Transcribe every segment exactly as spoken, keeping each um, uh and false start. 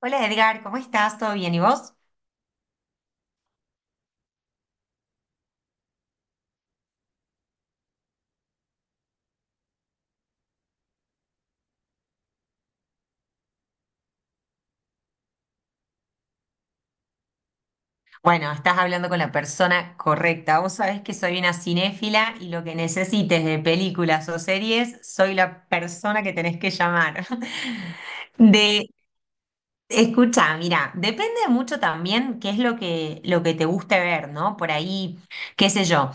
Hola Edgar, ¿cómo estás? ¿Todo bien? ¿Y vos? Bueno, estás hablando con la persona correcta. Vos sabés que soy una cinéfila y lo que necesites de películas o series, soy la persona que tenés que llamar. De, escucha, mira, depende mucho también qué es lo que, lo que te guste ver, ¿no? Por ahí, qué sé yo.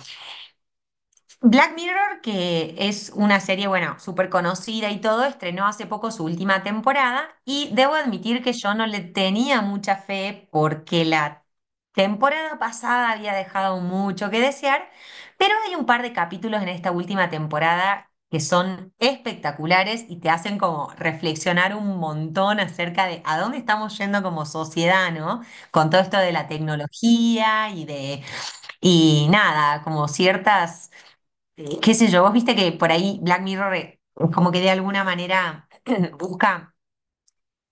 Black Mirror, que es una serie, bueno, súper conocida y todo, estrenó hace poco su última temporada y debo admitir que yo no le tenía mucha fe porque la temporada pasada había dejado mucho que desear, pero hay un par de capítulos en esta última temporada que son espectaculares y te hacen como reflexionar un montón acerca de a dónde estamos yendo como sociedad, ¿no? Con todo esto de la tecnología y de. Y nada, como ciertas eh, qué sé yo, vos viste que por ahí Black Mirror eh, como que de alguna manera busca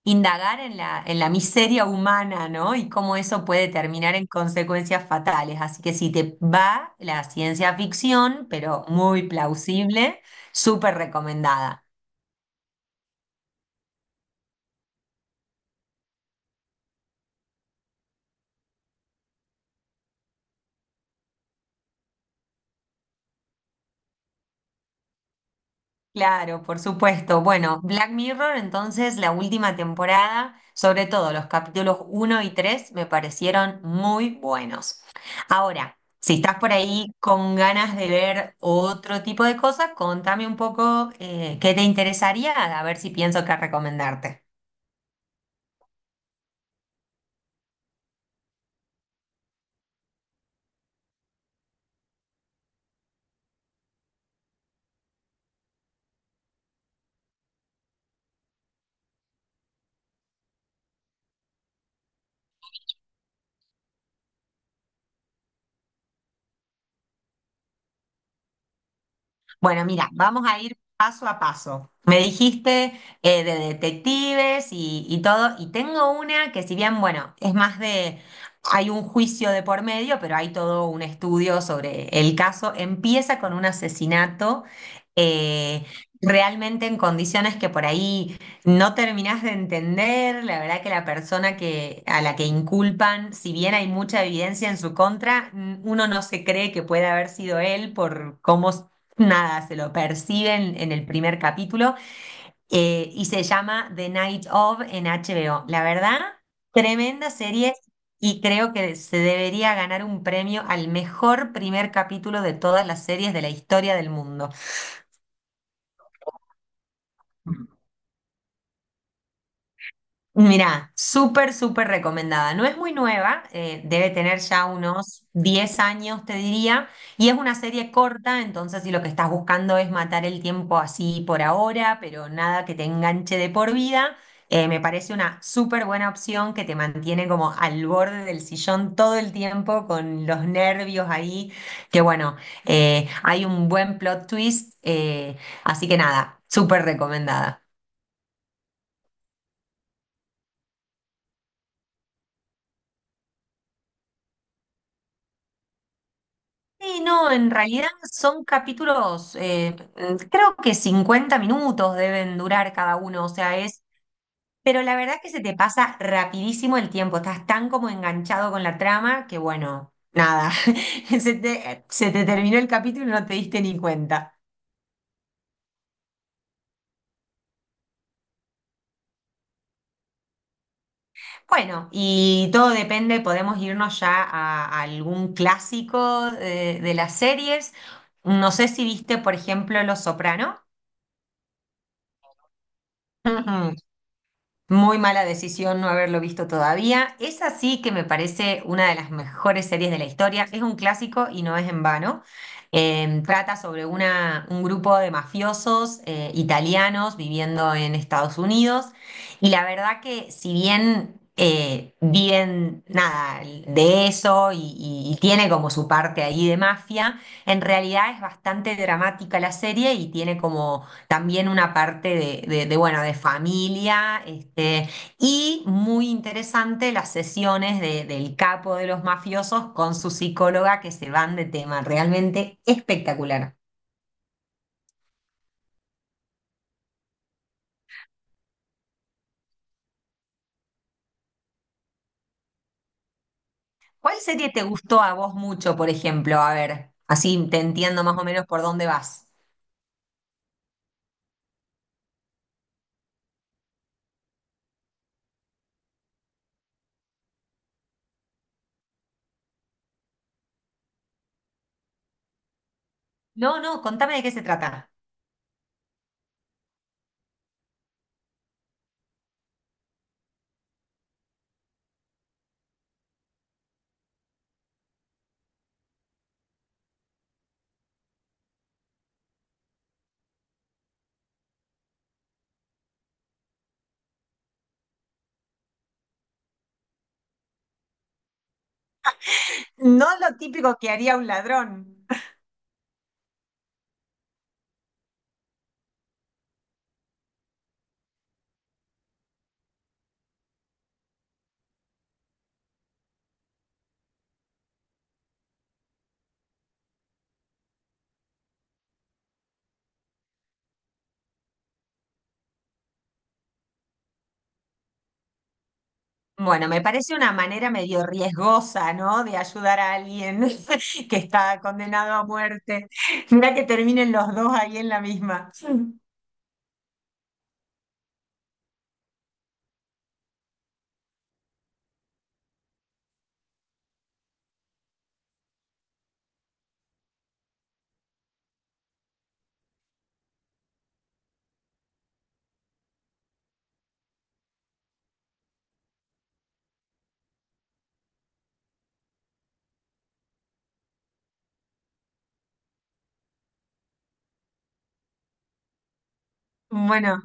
indagar en la, en la miseria humana, ¿no? Y cómo eso puede terminar en consecuencias fatales. Así que si te va la ciencia ficción, pero muy plausible, súper recomendada. Claro, por supuesto. Bueno, Black Mirror, entonces la última temporada, sobre todo los capítulos uno y tres, me parecieron muy buenos. Ahora, si estás por ahí con ganas de ver otro tipo de cosas, contame un poco eh, qué te interesaría, a ver si pienso qué recomendarte. Bueno, mira, vamos a ir paso a paso. Me dijiste eh, de detectives y, y todo, y tengo una que si bien, bueno, es más de, hay un juicio de por medio, pero hay todo un estudio sobre el caso. Empieza con un asesinato eh, realmente en condiciones que por ahí no terminás de entender. La verdad que la persona que, a la que inculpan, si bien hay mucha evidencia en su contra, n- uno no se cree que pueda haber sido él por cómo. Nada, se lo perciben en el primer capítulo eh, y se llama The Night of en H B O. La verdad, tremenda serie y creo que se debería ganar un premio al mejor primer capítulo de todas las series de la historia del mundo. Mirá, súper, súper recomendada. No es muy nueva, eh, debe tener ya unos diez años, te diría, y es una serie corta, entonces si lo que estás buscando es matar el tiempo así por ahora, pero nada que te enganche de por vida, eh, me parece una súper buena opción que te mantiene como al borde del sillón todo el tiempo con los nervios ahí, que bueno, eh, hay un buen plot twist, eh, así que nada, súper recomendada. Sí, no, en realidad son capítulos, eh, creo que cincuenta minutos deben durar cada uno, o sea, es, pero la verdad que se te pasa rapidísimo el tiempo, estás tan como enganchado con la trama que bueno, nada, se te, se te terminó el capítulo y no te diste ni cuenta. Bueno, y todo depende, podemos irnos ya a, a algún clásico eh, de las series. No sé si viste, por ejemplo, Los Soprano. Muy mala decisión no haberlo visto todavía. Es así que me parece una de las mejores series de la historia. Es un clásico y no es en vano. Eh, trata sobre una- un grupo de mafiosos eh, italianos viviendo en Estados Unidos. Y la verdad que si bien eh, viven nada de eso y, y- y tiene como su parte ahí de mafia, en realidad es bastante dramática la serie y tiene como también una parte de, de- de, bueno, de familia, este, y muy interesante las sesiones de- del capo de los mafiosos con su psicóloga que se van de tema, realmente espectacular. ¿Cuál serie te gustó a vos mucho, por ejemplo? A ver, así te entiendo más o menos por dónde vas. No, no, contame de qué se trata. No lo típico que haría un ladrón. Bueno, me parece una manera medio riesgosa, ¿no? De ayudar a alguien que está condenado a muerte. Mira que terminen los dos ahí en la misma. Bueno,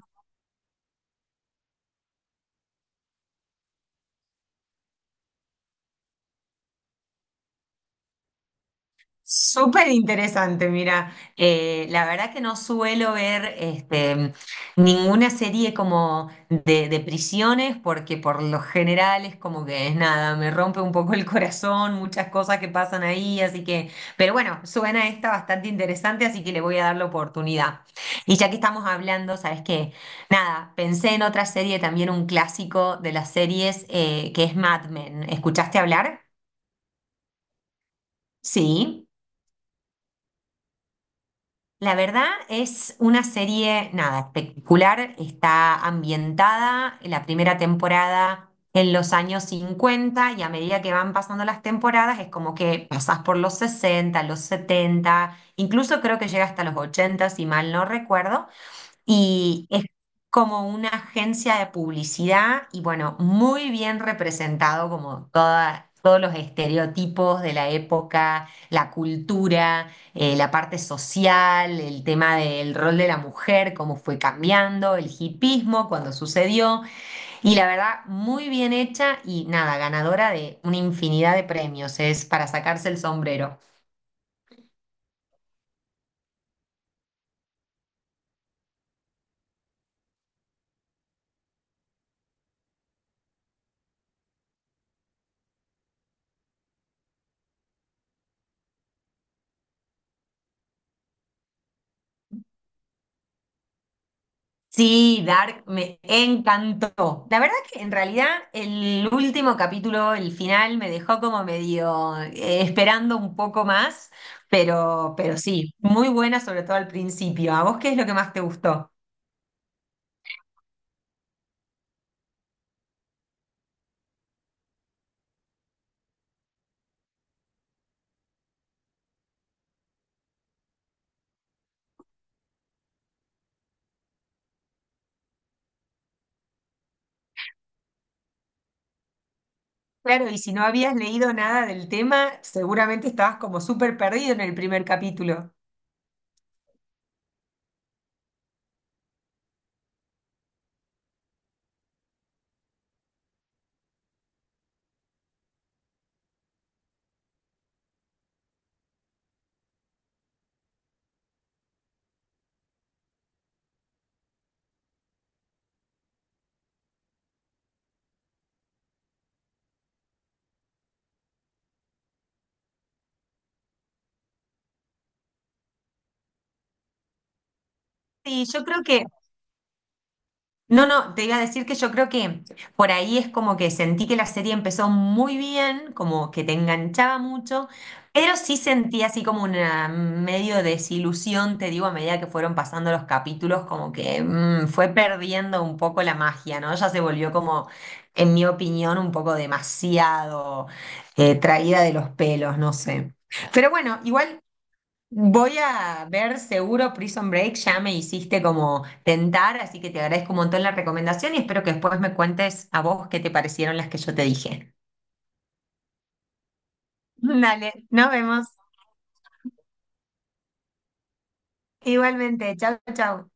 súper interesante, mira, eh, la verdad que no suelo ver este, ninguna serie como de, de prisiones porque por lo general es como que es nada, me rompe un poco el corazón, muchas cosas que pasan ahí, así que, pero bueno, suena esta bastante interesante, así que le voy a dar la oportunidad. Y ya que estamos hablando, ¿sabes qué? Nada, pensé en otra serie, también un clásico de las series, eh, que es Mad Men. ¿Escuchaste hablar? Sí. La verdad es una serie, nada, espectacular. Está ambientada en la primera temporada en los años cincuenta y a medida que van pasando las temporadas es como que pasás por los sesenta, los setenta, incluso creo que llega hasta los ochenta si mal no recuerdo. Y es como una agencia de publicidad y bueno, muy bien representado como toda- todos los estereotipos de la época, la cultura, eh, la parte social, el tema del rol de la mujer, cómo fue cambiando, el hipismo, cuando sucedió. Y la verdad, muy bien hecha y nada, ganadora de una infinidad de premios. Es para sacarse el sombrero. Sí, Dark me encantó. La verdad que en realidad el último capítulo, el final, me dejó como medio eh, esperando un poco más, pero, pero sí, muy buena sobre todo al principio. ¿A vos qué es lo que más te gustó? Claro, y si no habías leído nada del tema, seguramente estabas como súper perdido en el primer capítulo. Sí, yo creo que. No, no, te iba a decir que yo creo que por ahí es como que sentí que la serie empezó muy bien, como que te enganchaba mucho, pero sí sentí así como una medio desilusión, te digo, a medida que fueron pasando los capítulos, como que mm, fue perdiendo un poco la magia, ¿no? Ya se volvió como, en mi opinión, un poco demasiado eh, traída de los pelos, no sé. Pero bueno, igual. Voy a ver seguro Prison Break, ya me hiciste como tentar, así que te agradezco un montón la recomendación y espero que después me cuentes a vos qué te parecieron las que yo te dije. Dale, nos vemos. Igualmente, chau, chau.